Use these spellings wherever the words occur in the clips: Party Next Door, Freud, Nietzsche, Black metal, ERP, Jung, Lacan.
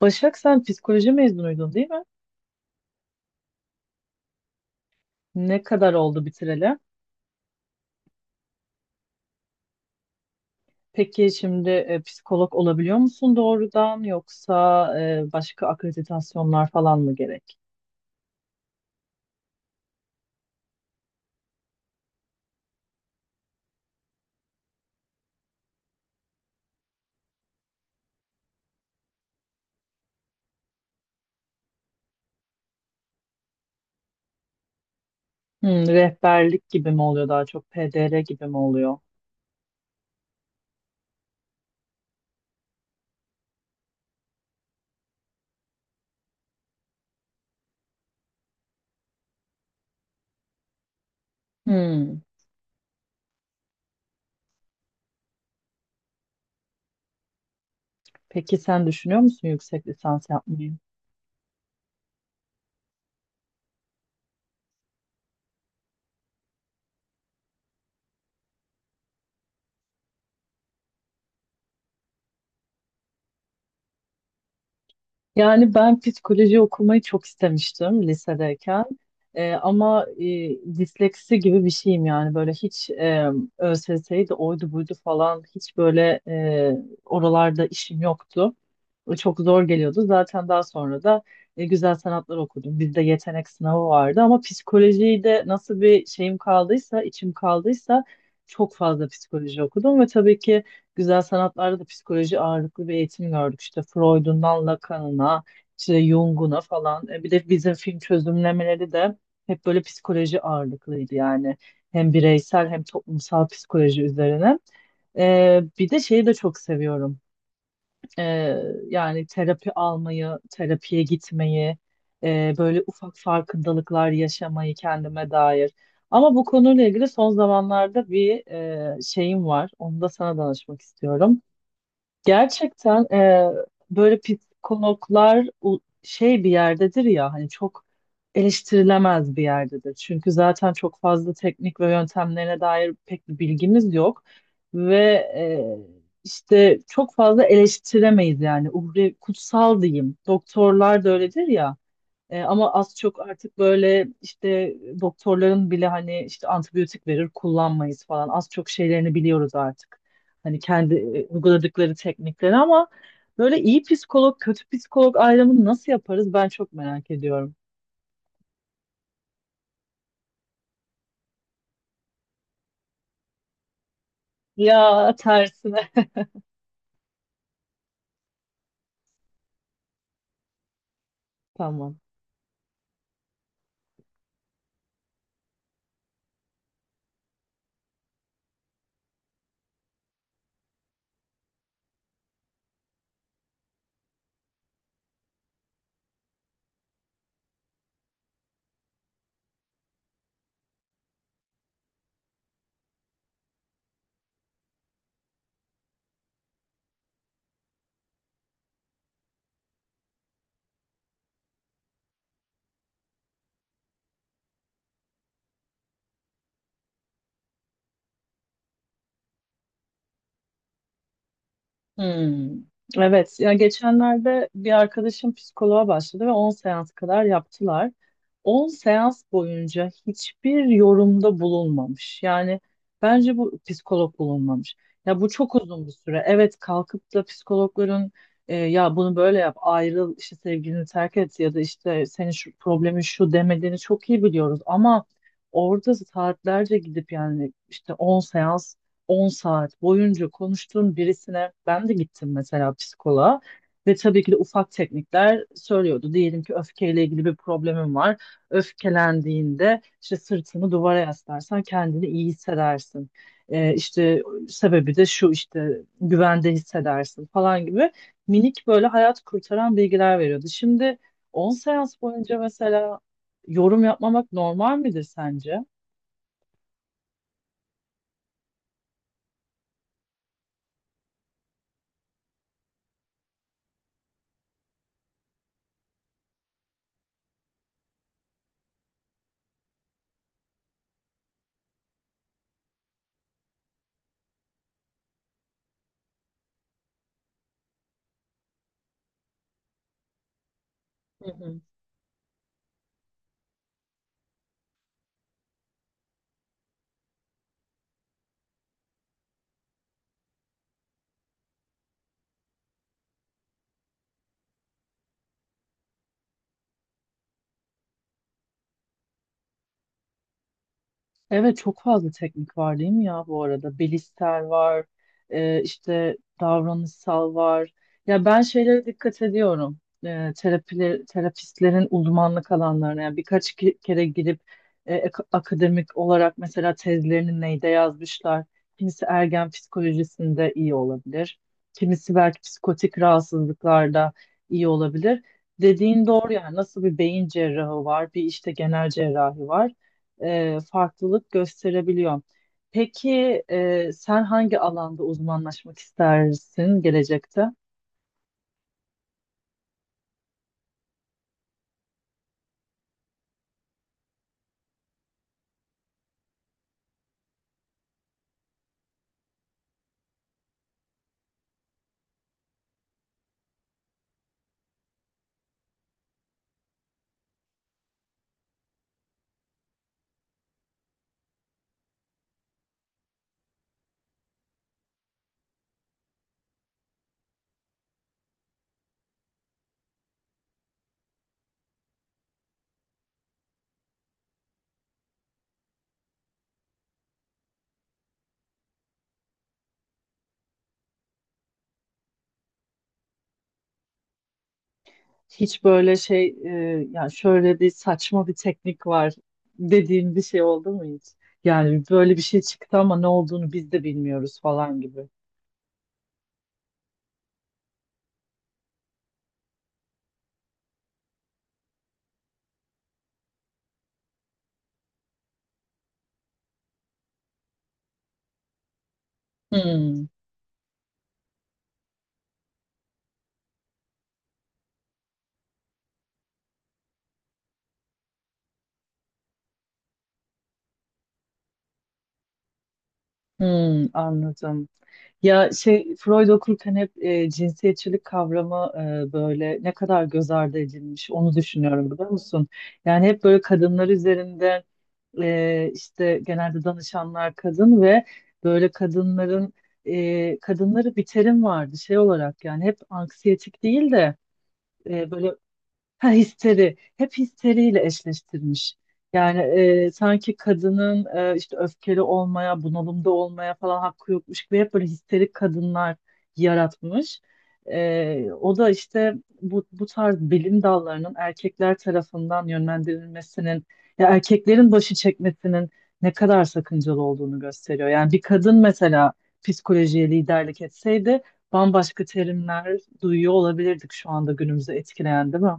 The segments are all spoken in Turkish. Başak, sen psikoloji mezunuydun, değil mi? Ne kadar oldu bitireli? Peki şimdi psikolog olabiliyor musun doğrudan, yoksa başka akreditasyonlar falan mı gerek? Hmm, rehberlik gibi mi oluyor, daha çok PDR gibi mi oluyor? Hmm. Peki sen düşünüyor musun yüksek lisans yapmayı? Yani ben psikoloji okumayı çok istemiştim lisedeyken. Ama disleksi gibi bir şeyim, yani böyle hiç ÖSS'ydi de oydu buydu falan, hiç böyle oralarda işim yoktu. O çok zor geliyordu. Zaten daha sonra da güzel sanatlar okudum. Bizde yetenek sınavı vardı ama psikolojiyi de, nasıl bir şeyim kaldıysa, içim kaldıysa, çok fazla psikoloji okudum ve tabii ki güzel sanatlarda da psikoloji ağırlıklı bir eğitim gördük. İşte Freud'undan Lacan'ına, işte Jung'una falan. Bir de bizim film çözümlemeleri de hep böyle psikoloji ağırlıklıydı yani. Hem bireysel hem toplumsal psikoloji üzerine. Bir de şeyi de çok seviyorum. E, Yani terapi almayı, terapiye gitmeyi, böyle ufak farkındalıklar yaşamayı kendime dair. Ama bu konuyla ilgili son zamanlarda bir şeyim var. Onu da sana danışmak istiyorum. Gerçekten böyle psikologlar şey bir yerdedir ya, hani çok eleştirilemez bir yerdedir. Çünkü zaten çok fazla teknik ve yöntemlerine dair pek bir bilgimiz yok ve eee, işte çok fazla eleştiremeyiz, yani uhre kutsal diyeyim. Doktorlar da öyledir ya. Ama az çok artık böyle işte doktorların bile, hani işte antibiyotik verir kullanmayız falan. Az çok şeylerini biliyoruz artık. Hani kendi uyguladıkları teknikleri. Ama böyle iyi psikolog, kötü psikolog ayrımını nasıl yaparız, ben çok merak ediyorum. Ya tersine. Tamam. Hmm. Evet, ya geçenlerde bir arkadaşım psikoloğa başladı ve 10 seans kadar yaptılar. 10 seans boyunca hiçbir yorumda bulunmamış. Yani bence bu psikolog bulunmamış. Ya bu çok uzun bir süre. Evet, kalkıp da psikologların ya bunu böyle yap, ayrıl, işte sevgilini terk et ya da işte senin şu problemin şu demediğini çok iyi biliyoruz. Ama orada saatlerce gidip, yani işte 10 seans, 10 saat boyunca konuştuğum birisine ben de gittim mesela psikoloğa ve tabii ki de ufak teknikler söylüyordu. Diyelim ki öfkeyle ilgili bir problemin var. Öfkelendiğinde işte sırtını duvara yaslarsan kendini iyi hissedersin. İşte sebebi de şu, işte güvende hissedersin falan gibi minik, böyle hayat kurtaran bilgiler veriyordu. Şimdi 10 seans boyunca mesela yorum yapmamak normal midir sence? Hı hı. Evet, çok fazla teknik var değil mi ya bu arada? Bilişsel var, işte davranışsal var. Ya ben şeylere dikkat ediyorum. Terapiler, terapistlerin uzmanlık alanlarına. Yani birkaç kere gidip akademik olarak mesela tezlerini neyde yazmışlar. Kimisi ergen psikolojisinde iyi olabilir. Kimisi belki psikotik rahatsızlıklarda iyi olabilir. Dediğin doğru, yani nasıl bir beyin cerrahı var, bir işte genel cerrahi var, farklılık gösterebiliyor. Peki sen hangi alanda uzmanlaşmak istersin gelecekte? Hiç böyle yani şöyle bir saçma bir teknik var dediğin bir şey oldu mu hiç? Yani böyle bir şey çıktı ama ne olduğunu biz de bilmiyoruz falan gibi. Hmm. Hmm, anladım. Ya şey, Freud okurken hep cinsiyetçilik kavramı böyle ne kadar göz ardı edilmiş, onu düşünüyorum, biliyor musun? Yani hep böyle kadınlar üzerinde işte genelde danışanlar kadın ve böyle kadınların kadınları bir terim vardı şey olarak, yani hep anksiyetik değil de böyle, ha, histeri. Hep histeriyle eşleştirmiş. Yani sanki kadının işte öfkeli olmaya, bunalımda olmaya falan hakkı yokmuş gibi hep böyle histerik kadınlar yaratmış. O da işte bu tarz bilim dallarının erkekler tarafından yönlendirilmesinin, ya erkeklerin başı çekmesinin ne kadar sakıncalı olduğunu gösteriyor. Yani bir kadın mesela psikolojiye liderlik etseydi, bambaşka terimler duyuyor olabilirdik şu anda günümüzü etkileyen, değil mi?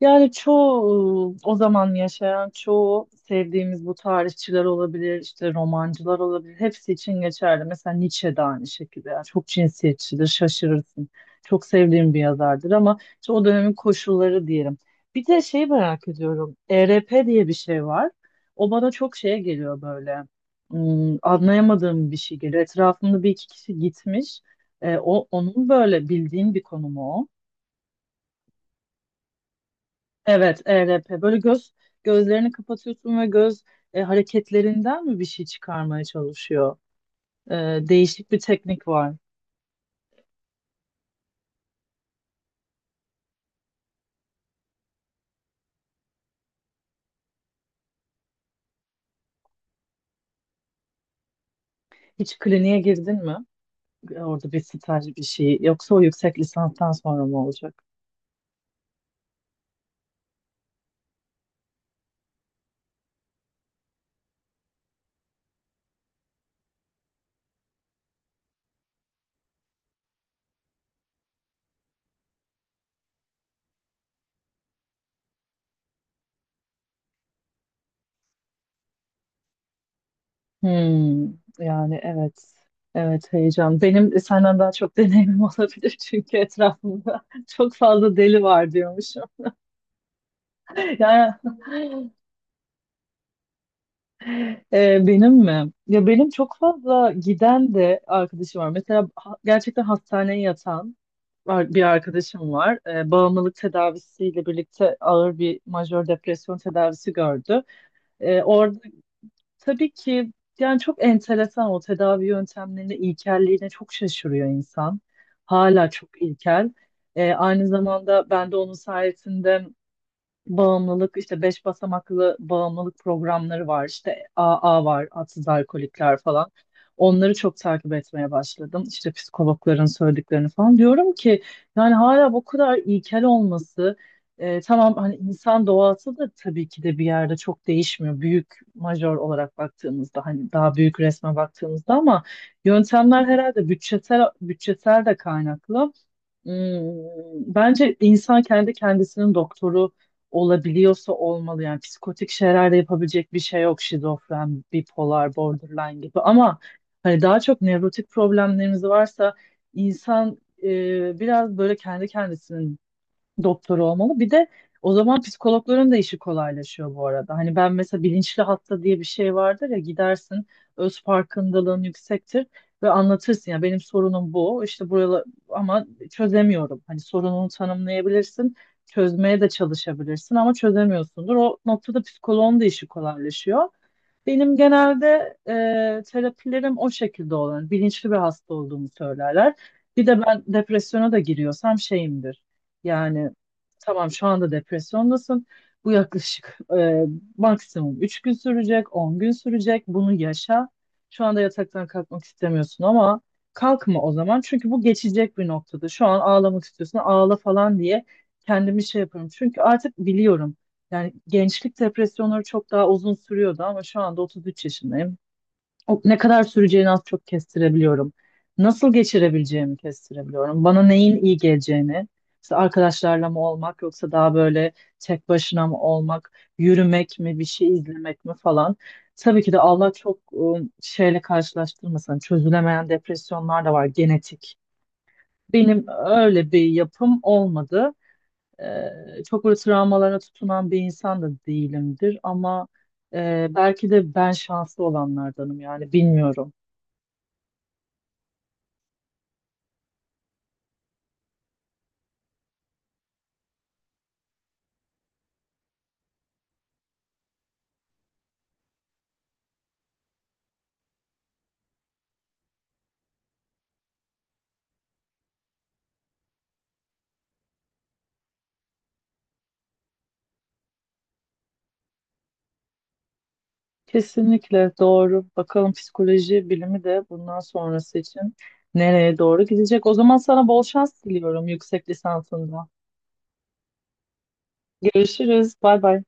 Yani çoğu o zaman yaşayan, çoğu sevdiğimiz bu tarihçiler olabilir, işte romancılar olabilir. Hepsi için geçerli. Mesela Nietzsche de aynı şekilde. Yani çok cinsiyetçidir, şaşırırsın. Çok sevdiğim bir yazardır ama işte o dönemin koşulları diyelim. Bir de şey merak ediyorum. ERP diye bir şey var. O bana çok şeye geliyor böyle. Hmm, anlayamadığım bir şey geliyor. Etrafımda bir iki kişi gitmiş. O, onun böyle bildiğin bir konu mu o? Evet, ERP. Böyle gözlerini kapatıyorsun ve göz hareketlerinden mi bir şey çıkarmaya çalışıyor? E, Değişik bir teknik var. Hiç kliniğe girdin mi? Orada bir staj bir şey. Yoksa o yüksek lisanstan sonra mı olacak? Hmm, yani evet. Evet, heyecan. Benim senden daha çok deneyimim olabilir, çünkü etrafımda çok fazla deli var diyormuşum. Yani. Benim mi? Ya benim çok fazla giden de arkadaşım var. Mesela gerçekten hastaneye yatan bir arkadaşım var. Bağımlılık tedavisiyle birlikte ağır bir majör depresyon tedavisi gördü. Orada tabii ki, yani çok enteresan, o tedavi yöntemlerine, ilkelliğine çok şaşırıyor insan. Hala çok ilkel. Aynı zamanda ben de onun sayesinde bağımlılık, işte beş basamaklı bağımlılık programları var, işte AA var, adsız alkolikler falan, onları çok takip etmeye başladım, işte psikologların söylediklerini falan. Diyorum ki yani hala bu kadar ilkel olması, tamam hani insan doğası da tabii ki de bir yerde çok değişmiyor, büyük majör olarak baktığımızda, hani daha büyük resme baktığımızda, ama yöntemler herhalde bütçesel de kaynaklı. Hmm, bence insan kendi kendisinin doktoru olabiliyorsa olmalı. Yani psikotik şeyler de yapabilecek bir şey yok. Şizofren, bipolar, borderline gibi. Ama hani daha çok nevrotik problemlerimiz varsa, insan biraz böyle kendi kendisinin doktoru olmalı. Bir de o zaman psikologların da işi kolaylaşıyor bu arada. Hani ben mesela, bilinçli hasta diye bir şey vardır ya, gidersin, öz farkındalığın yüksektir ve anlatırsın: ya benim sorunum bu, işte buralar ama çözemiyorum. Hani sorununu tanımlayabilirsin, çözmeye de çalışabilirsin ama çözemiyorsundur. O noktada psikoloğun da işi kolaylaşıyor. Benim genelde terapilerim o şekilde olan, bilinçli bir hasta olduğumu söylerler. Bir de ben depresyona da giriyorsam şeyimdir. Yani tamam, şu anda depresyondasın. Bu yaklaşık maksimum 3 gün sürecek, 10 gün sürecek. Bunu yaşa. Şu anda yataktan kalkmak istemiyorsun ama kalkma o zaman. Çünkü bu geçecek bir noktada. Şu an ağlamak istiyorsun, ağla falan diye kendimi şey yapıyorum. Çünkü artık biliyorum. Yani gençlik depresyonları çok daha uzun sürüyordu ama şu anda 33 yaşındayım, ne kadar süreceğini az çok kestirebiliyorum. Nasıl geçirebileceğimi kestirebiliyorum. Bana neyin iyi geleceğini, işte arkadaşlarla mı olmak yoksa daha böyle tek başına mı olmak, yürümek mi, bir şey izlemek mi falan. Tabii ki de Allah çok şeyle karşılaştırmasın. Çözülemeyen depresyonlar da var, genetik. Benim öyle bir yapım olmadı. Çok böyle travmalara tutunan bir insan da değilimdir ama belki de ben şanslı olanlardanım, yani bilmiyorum. Kesinlikle doğru. Bakalım psikoloji bilimi de bundan sonrası için nereye doğru gidecek. O zaman sana bol şans diliyorum yüksek lisansında. Görüşürüz. Bay bay.